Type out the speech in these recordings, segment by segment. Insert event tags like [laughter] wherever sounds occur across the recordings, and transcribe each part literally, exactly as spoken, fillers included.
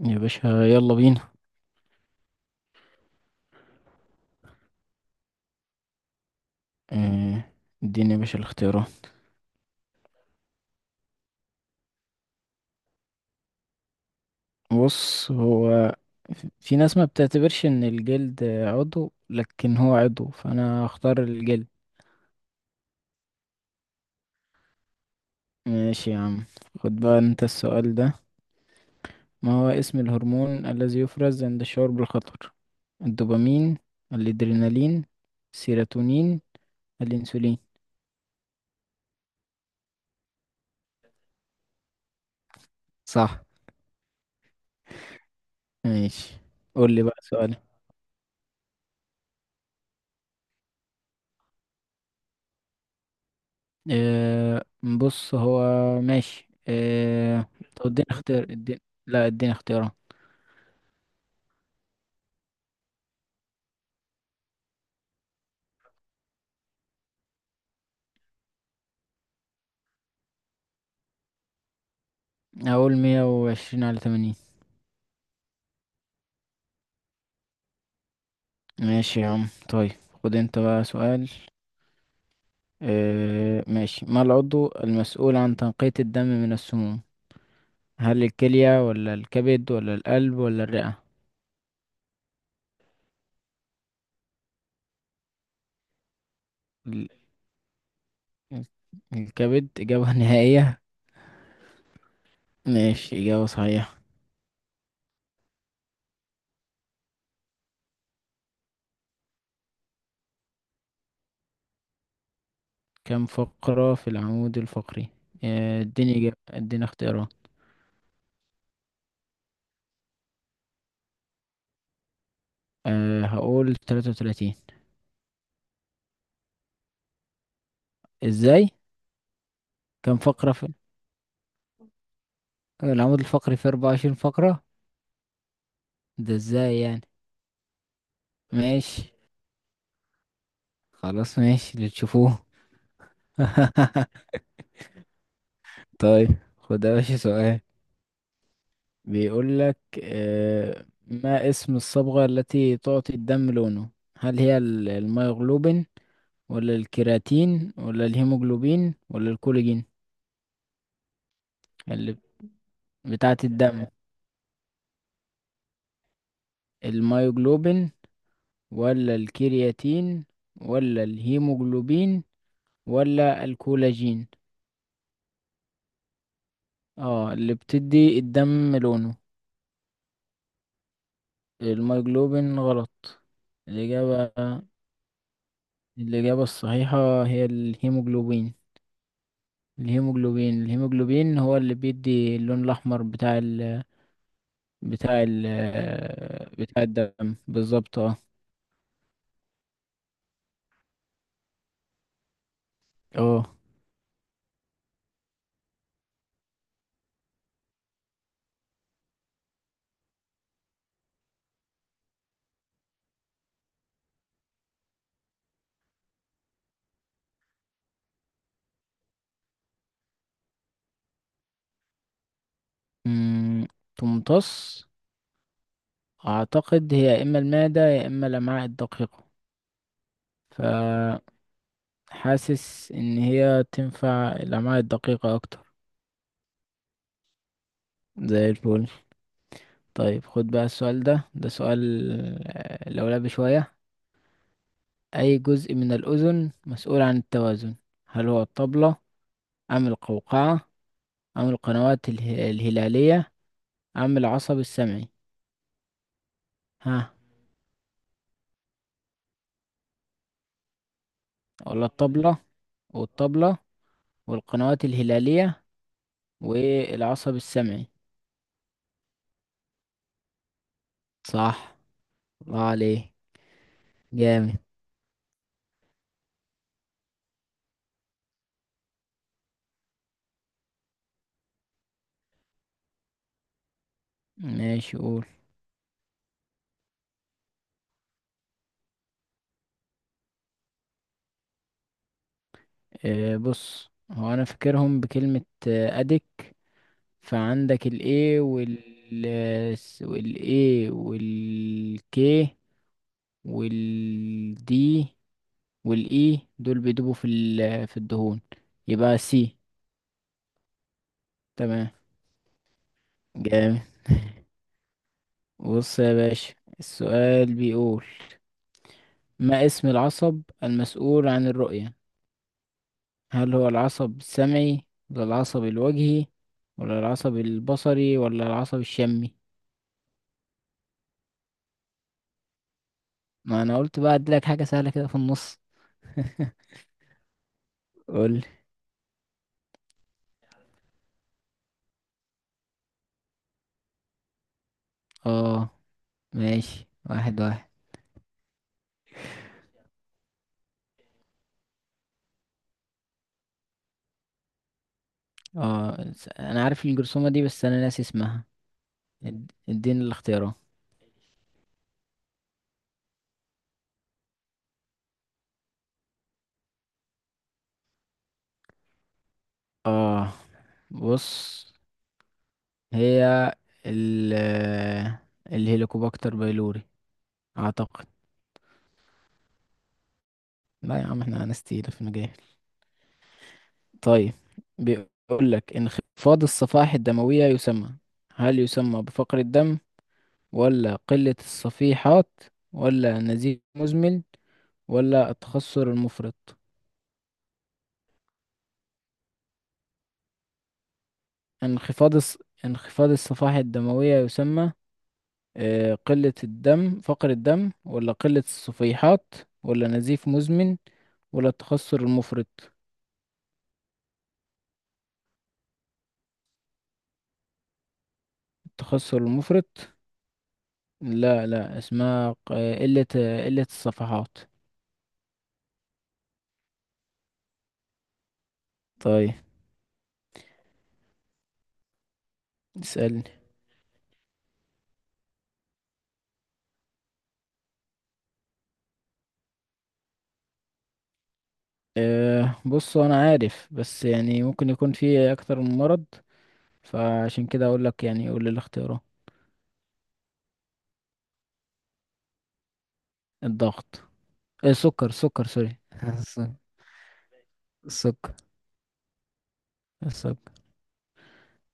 يا باشا، يلا بينا. آه. اديني يا باشا الاختيارات. بص، هو في في ناس ما بتعتبرش ان الجلد عضو، لكن هو عضو، فانا هختار الجلد. ماشي يا عم. خد بقى انت السؤال ده. ما هو اسم الهرمون الذي يفرز عند الشعور بالخطر؟ الدوبامين، الادرينالين، السيروتونين، الانسولين؟ صح. ماشي. قول لي بقى سؤال. آه، بص، هو ماشي، آه، طب اديني اختيار. اديني. لا، اديني اختيار. اقول مية وعشرين على تمانين. ماشي يا عم. طيب خد انت بقى سؤال. آه، ماشي. ما العضو المسؤول عن تنقية الدم من السموم؟ هل الكلية ولا الكبد ولا القلب ولا الرئة؟ ال- ال- الكبد، إجابة [laughs] نهائية. ماشي، إجابة صحيحة. كم فقرة في العمود الفقري؟ آه، اديني إجابة، اديني اختيارات. أه، هقول تلاتة وتلاتين. ازاي؟ كام فقرة في العمود الفقري؟ في أربعة وعشرين فقرة. ده ازاي يعني؟ ماشي. خلاص، ماشي، اللي تشوفوه. [laughs] طيب. خد يا باشا سؤال، بيقول لك: آه، ما اسم الصبغة التي تعطي الدم لونه؟ هل هي ال- الميوغلوبين ولا الكيراتين ولا الهيموجلوبين ولا الكولاجين؟ اللي بتاعة الدم. الميوجلوبين، ولا الكرياتين، ولا الهيموجلوبين، ولا الكولاجين. اه، اللي بتدي الدم لونه. الميوجلوبين غلط. الإجابة الإجابة الصحيحة هي الهيموجلوبين. الهيموجلوبين الهيموجلوبين هو اللي بيدي اللون الأحمر بتاع ال بتاع ال بتاع الدم بالظبط. اه. اه. أمم، تمتص. أعتقد هي يا إما المعدة يا إما الأمعاء الدقيقة. فحاسس إن هي تنفع الأمعاء الدقيقة أكتر. زي الفل. طيب، خد بقى السؤال ده ده سؤال آه، لولبي شوية. أي جزء من الأذن مسؤول عن التوازن؟ هل هو الطبلة أم القوقعة أم القنوات اله- الهلالية أم العصب السمعي؟ ها. ولا الطبلة، والطبلة، والقنوات الهلالية، والعصب السمعي. صح. الله عليه. جامد. ماشي. قول. آه، بص، هو أنا فاكرهم بكلمة، آه، أدك. فعندك ال إيه وال وال إيه وال كي وال دي وال إي، دول بيدوبوا في ال- في الدهون، يبقى سي. تمام. جامد. بص يا باشا، السؤال بيقول: ما اسم العصب المسؤول عن الرؤية؟ هل هو العصب السمعي ولا العصب الوجهي ولا العصب البصري ولا العصب الشمي؟ ما انا قلت بقى اديلك حاجة سهلة كده في النص. [laughs] قول. اه. ماشي، واحد واحد. اه، س- انا عارف الجرثومة دي، بس انا ناسي اسمها. اد- اديني الاختيارات. اه، بص، هي ال الهيليكوباكتر بايلوري، اعتقد. لا يا عم، احنا ناس تقيلة في المجال. طيب، بيقول لك: انخفاض الصفائح الدموية يسمى. هل يسمى بفقر الدم ولا قلة الصفيحات ولا نزيف مزمن ولا التخثر المفرط؟ انخفاض الص... انخفاض الصفائح الدموية يسمى آه، قلة الدم فقر الدم ولا قلة الصفيحات ولا نزيف مزمن ولا التخثر المفرط. التخثر المفرط؟ لا لا، اسمها ق- آه، قلة آه، قلة الصفحات. طيب. اسألني. أه بص، أنا عارف، بس يعني ممكن يكون في أكتر من مرض، فعشان كده أقول لك، يعني قول لي الاختيارات. الضغط. آه، السكر. سكر سوري. [laughs] السكر. السكر.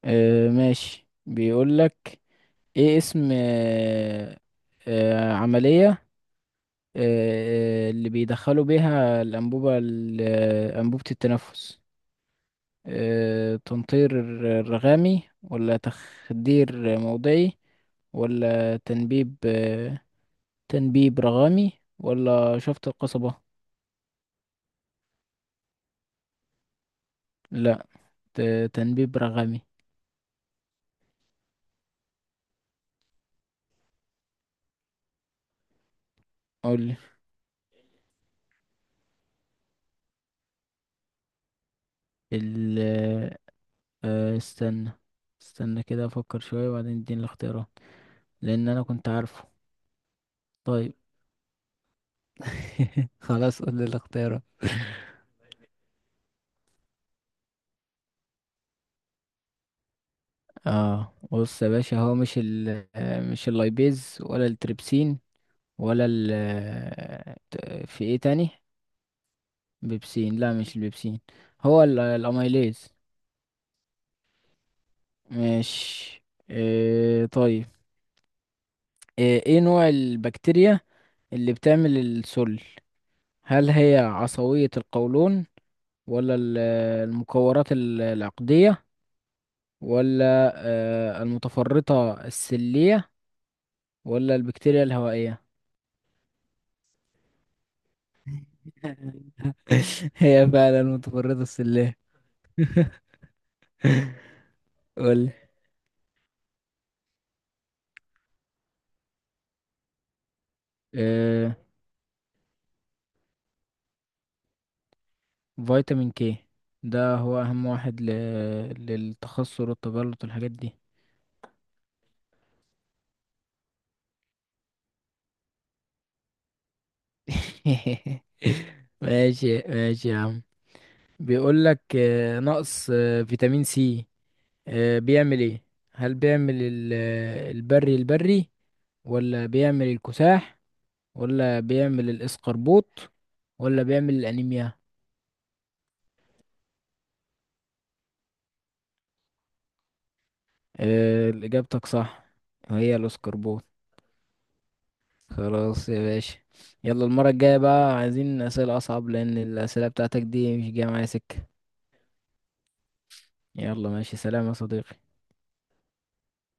آه، ماشي. بيقول لك: ايه اسم آه آه عملية آه آه، اللي بيدخلوا بيها الأنبوبة، ال- آه، أنبوبة التنفس. آه تنطير رغامي، ولا تخدير موضعي، ولا تنبيب آه تنبيب رغامي، ولا شفط القصبة. لا، ت- تنبيب رغامي. قولي. ال آه آه، استنى. استنى كده، افكر شوية، وبعدين اديني الاختيارات، لان انا كنت عارفه. طيب. [laughs] خلاص. قول لي الاختيارات. اه، بص يا باشا، هو مش ال آه، مش اللايبيز ولا التريبسين، ولا ال آه، ت- في ايه تاني؟ بيبسين. لا، مش البيبسين. هو ال- الاميليز. مش. إيه طيب. ايه إيه نوع البكتيريا اللي بتعمل السل؟ هل هي عصبية القولون، ولا ال- المكورات ال- العقدية، ولا آه، المتفرطة السلية، ولا البكتيريا الهوائية؟ [laughs] هي فعلا المتفرطة السلية. ولا آه، فيتامين كي، ده هو أهم واحد ل... للتخثر والتبلط والحاجات دي. [laughs] ماشي، ماشي يا عم. بيقول لك: آه، نقص آه، فيتامين سي آه، بيعمل ايه؟ هل بيعمل ال- آه، البري البري، ولا بيعمل الكساح، ولا بيعمل الاسقربوط، ولا بيعمل الانيميا؟ آه، اجابتك صح. هي الاسقربوط. خلاص يا باشا، يلا، المرة الجاية بقى عايزين أسئلة أصعب، لأن الأسئلة بتاعتك دي مش جاية معايا سكة. يلا، ماشي. سلام يا صديقي.